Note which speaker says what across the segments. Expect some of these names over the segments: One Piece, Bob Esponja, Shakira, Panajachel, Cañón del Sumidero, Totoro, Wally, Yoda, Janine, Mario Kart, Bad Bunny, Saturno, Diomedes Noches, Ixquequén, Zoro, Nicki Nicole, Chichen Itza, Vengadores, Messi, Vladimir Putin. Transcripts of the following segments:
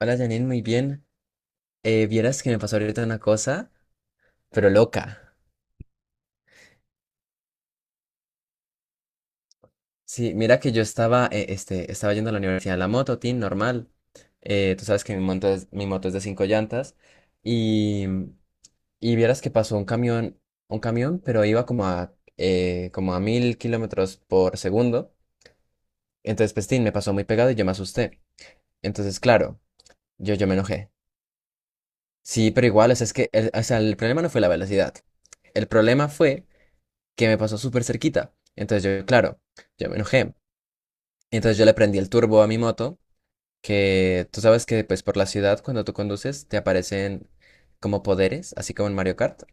Speaker 1: Hola Janine, muy bien. Vieras que me pasó ahorita una cosa, pero loca. Sí, mira que yo estaba, estaba yendo a la universidad en la moto, tin, normal. Tú sabes que mi moto es de 5 llantas. Y, y vieras que pasó un camión, pero iba como a como a 1000 kilómetros por segundo. Entonces, pues, tin, me pasó muy pegado y yo me asusté. Entonces, claro, yo me enojé. Sí, pero igual, o sea, o sea, el problema no fue la velocidad. El problema fue que me pasó súper cerquita. Entonces yo, claro, yo me enojé. Entonces yo le prendí el turbo a mi moto, que tú sabes que pues por la ciudad cuando tú conduces te aparecen como poderes, así como en Mario Kart.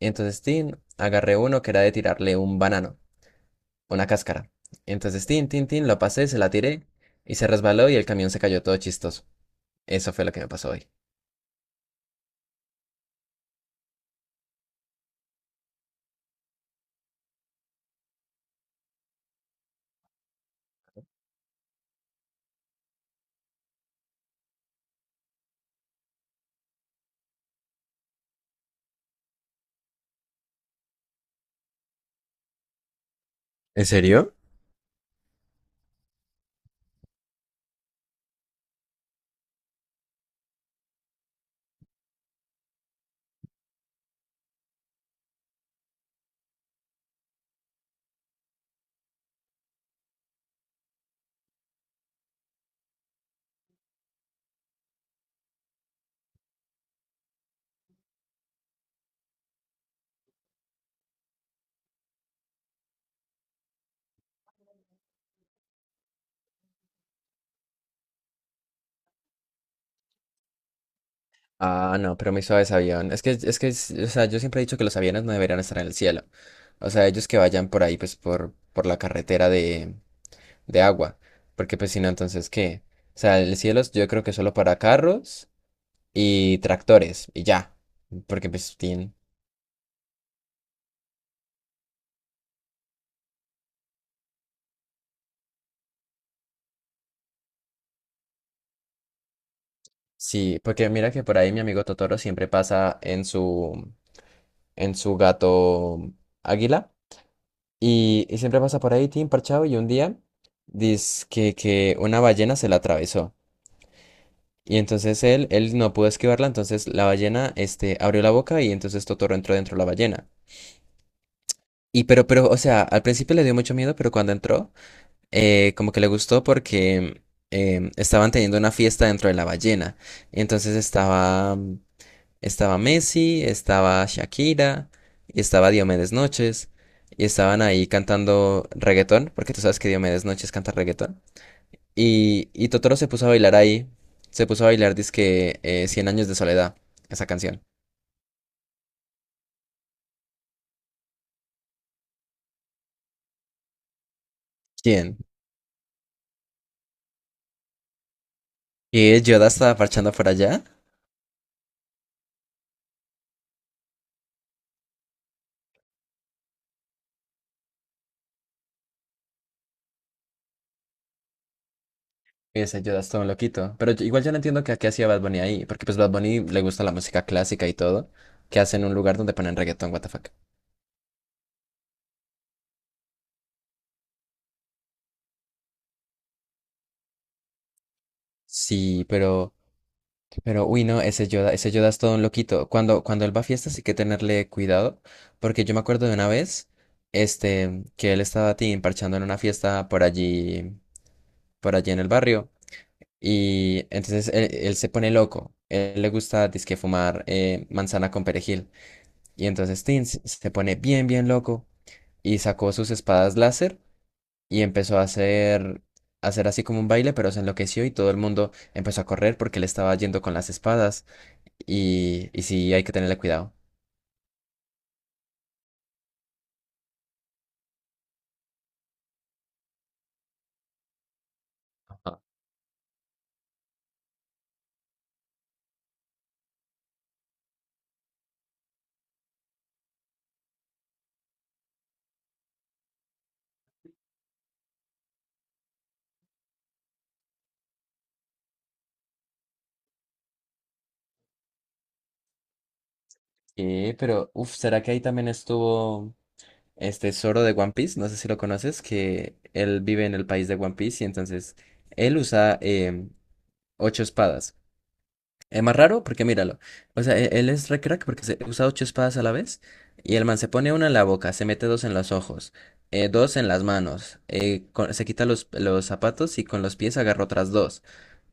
Speaker 1: Y entonces, tin, agarré uno que era de tirarle un banano, una cáscara. Entonces, tin, tin, tin, lo pasé, se la tiré y se resbaló y el camión se cayó todo chistoso. Eso fue lo que me pasó hoy. ¿En serio? Ah, no, pero muy suaves avión. O sea, yo siempre he dicho que los aviones no deberían estar en el cielo. O sea, ellos que vayan por ahí, pues, por la carretera de agua. Porque, pues, si no, entonces, ¿qué? O sea, yo creo que solo para carros y tractores, y ya. Porque, pues, tienen... Sí, porque mira que por ahí mi amigo Totoro siempre pasa en su gato águila. Y siempre pasa por ahí, Tim, parchado, y un día dice que una ballena se la atravesó. Y entonces él no pudo esquivarla, entonces la ballena, este, abrió la boca y entonces Totoro entró dentro de la ballena. O sea, al principio le dio mucho miedo, pero cuando entró, como que le gustó porque estaban teniendo una fiesta dentro de la ballena. Y entonces estaba Messi, estaba Shakira, y estaba Diomedes Noches, y estaban ahí cantando reggaetón, porque tú sabes que Diomedes Noches canta reggaetón. Y Totoro se puso a bailar ahí. Se puso a bailar, dizque 100 años de soledad, esa canción. ¿Quién? ¿Y Yoda estaba parchando por allá? Ese Yoda es todo un loquito. Pero igual yo no entiendo qué hacía Bad Bunny ahí, porque pues Bad Bunny le gusta la música clásica y todo, que hace en un lugar donde ponen reggaetón, what the fuck. Sí, pero, no, ese Yoda es todo un loquito. Cuando él va a fiestas hay que tenerle cuidado, porque yo me acuerdo de una vez, que él estaba tin, parchando en una fiesta por allí en el barrio. Y entonces él se pone loco. Él le gusta dizque fumar manzana con perejil. Y entonces Tin se pone bien loco y sacó sus espadas láser y empezó a hacer así como un baile, pero se enloqueció y todo el mundo empezó a correr porque él estaba yendo con las espadas. Y sí, hay que tenerle cuidado. Ajá. ¿Será que ahí también estuvo este Zoro de One Piece? No sé si lo conoces, que él vive en el país de One Piece y entonces él usa 8 espadas. Es más raro porque míralo. O sea, él es re crack porque se usa 8 espadas a la vez. Y el man se pone una en la boca, se mete dos en los ojos, dos en las manos. Se quita los zapatos y con los pies agarra otras dos.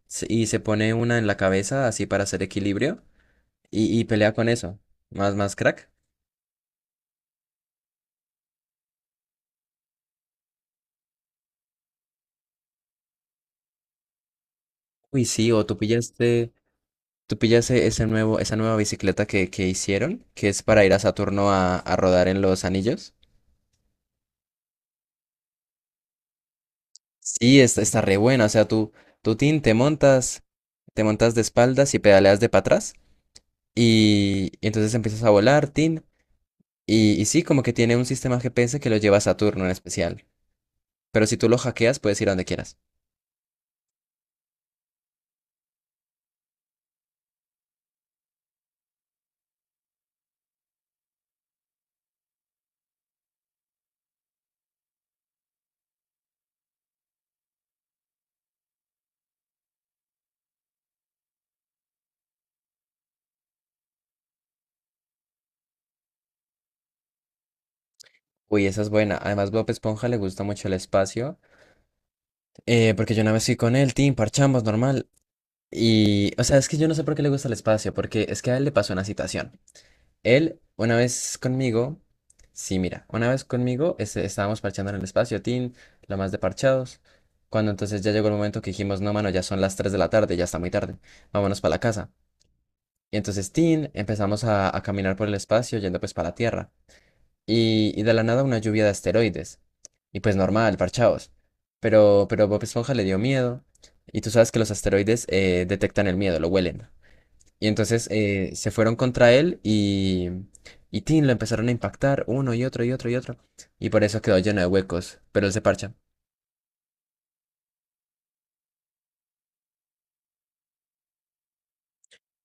Speaker 1: Y se pone una en la cabeza así para hacer equilibrio. Y pelea con eso. Más crack. Uy, sí, tú pillaste esa nueva bicicleta que hicieron, que es para ir a Saturno a rodar en los anillos. Sí, está re buena. O sea, tú tin, te montas de espaldas y pedaleas de para atrás. Y entonces empiezas a volar, tin. Y sí, como que tiene un sistema GPS que lo lleva a Saturno en especial. Pero si tú lo hackeas, puedes ir a donde quieras. Uy, esa es buena. Además, Bob Esponja le gusta mucho el espacio. Porque yo una vez fui con él, tin, parchamos, normal. Y, o sea, es que yo no sé por qué le gusta el espacio, porque es que a él le pasó una situación. Él, una vez conmigo, sí, mira, una vez conmigo estábamos parchando en el espacio, Tin, lo más de parchados. Cuando entonces ya llegó el momento que dijimos, no, mano, ya son las 3 de la tarde, ya está muy tarde, vámonos para la casa. Y entonces, Tin, empezamos a caminar por el espacio, yendo pues para la Tierra. Y de la nada una lluvia de asteroides. Y pues normal, parchados. Pero Bob Esponja le dio miedo. Y tú sabes que los asteroides detectan el miedo, lo huelen. Y entonces se fueron contra él y tin, lo empezaron a impactar uno y otro y otro y otro. Y por eso quedó lleno de huecos. Pero él se parcha.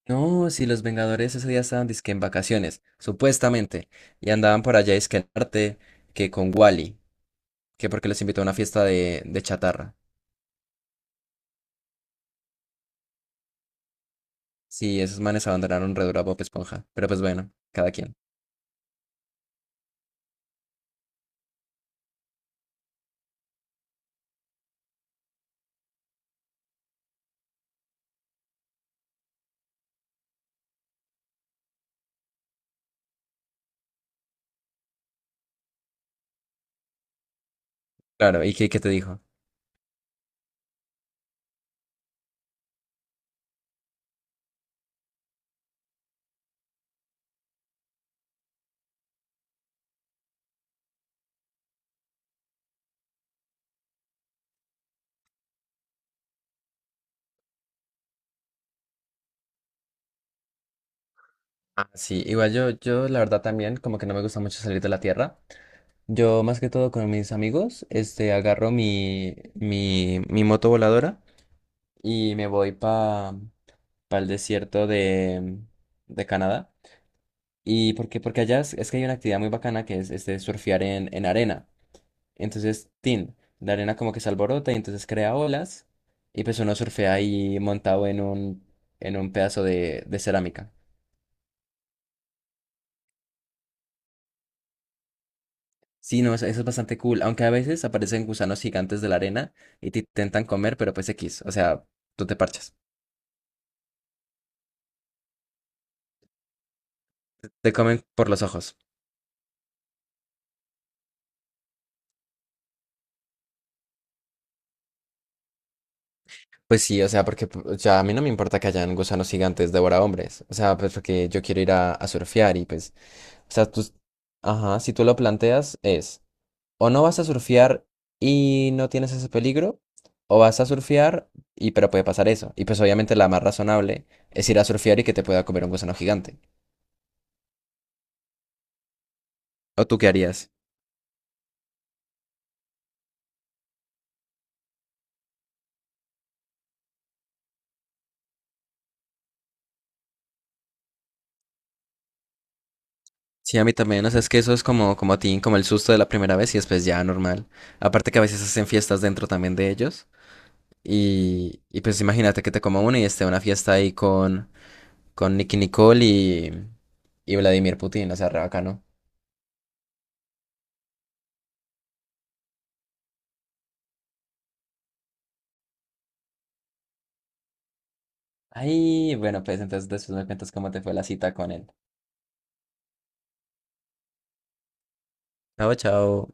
Speaker 1: No, si los Vengadores ese día estaban disque en vacaciones, supuestamente. Y andaban por allá disque en arte, que con Wally, que porque los invitó a una fiesta de chatarra. Sí, esos manes abandonaron Redura Bob Esponja. Pero pues bueno, cada quien. Claro, ¿y qué te dijo? Ah, sí, yo la verdad también, como que no me gusta mucho salir de la Tierra. Yo más que todo con mis amigos, agarro mi moto voladora y me voy para el desierto de Canadá. ¿Y por qué? Porque es que hay una actividad muy bacana que es surfear en arena. Entonces, tin, la arena como que se alborota y entonces crea olas y pues uno surfea ahí montado en un pedazo de cerámica. Sí, no, eso es bastante cool, aunque a veces aparecen gusanos gigantes de la arena y te intentan comer, pero pues X, o sea, tú te parchas. Te comen por los ojos. Pues sí, o sea, porque o sea, a mí no me importa que hayan gusanos gigantes devora hombres. O sea, pues porque yo quiero ir a surfear y pues, o sea, tú, ajá, si tú lo planteas es, o no vas a surfear y no tienes ese peligro, o vas a surfear y pero puede pasar eso. Y pues obviamente la más razonable es ir a surfear y que te pueda comer un gusano gigante. ¿O tú qué harías? Sí, a mí también, o sea, es que eso es como, como a ti, como el susto de la primera vez y después ya normal. Aparte que a veces hacen fiestas dentro también de ellos. Y pues imagínate que te coma uno y esté una fiesta ahí con Nicki Nicole y Vladimir Putin, o sea, re bacano. Ay, bueno, pues entonces después me cuentas cómo te fue la cita con él. Chao, chao.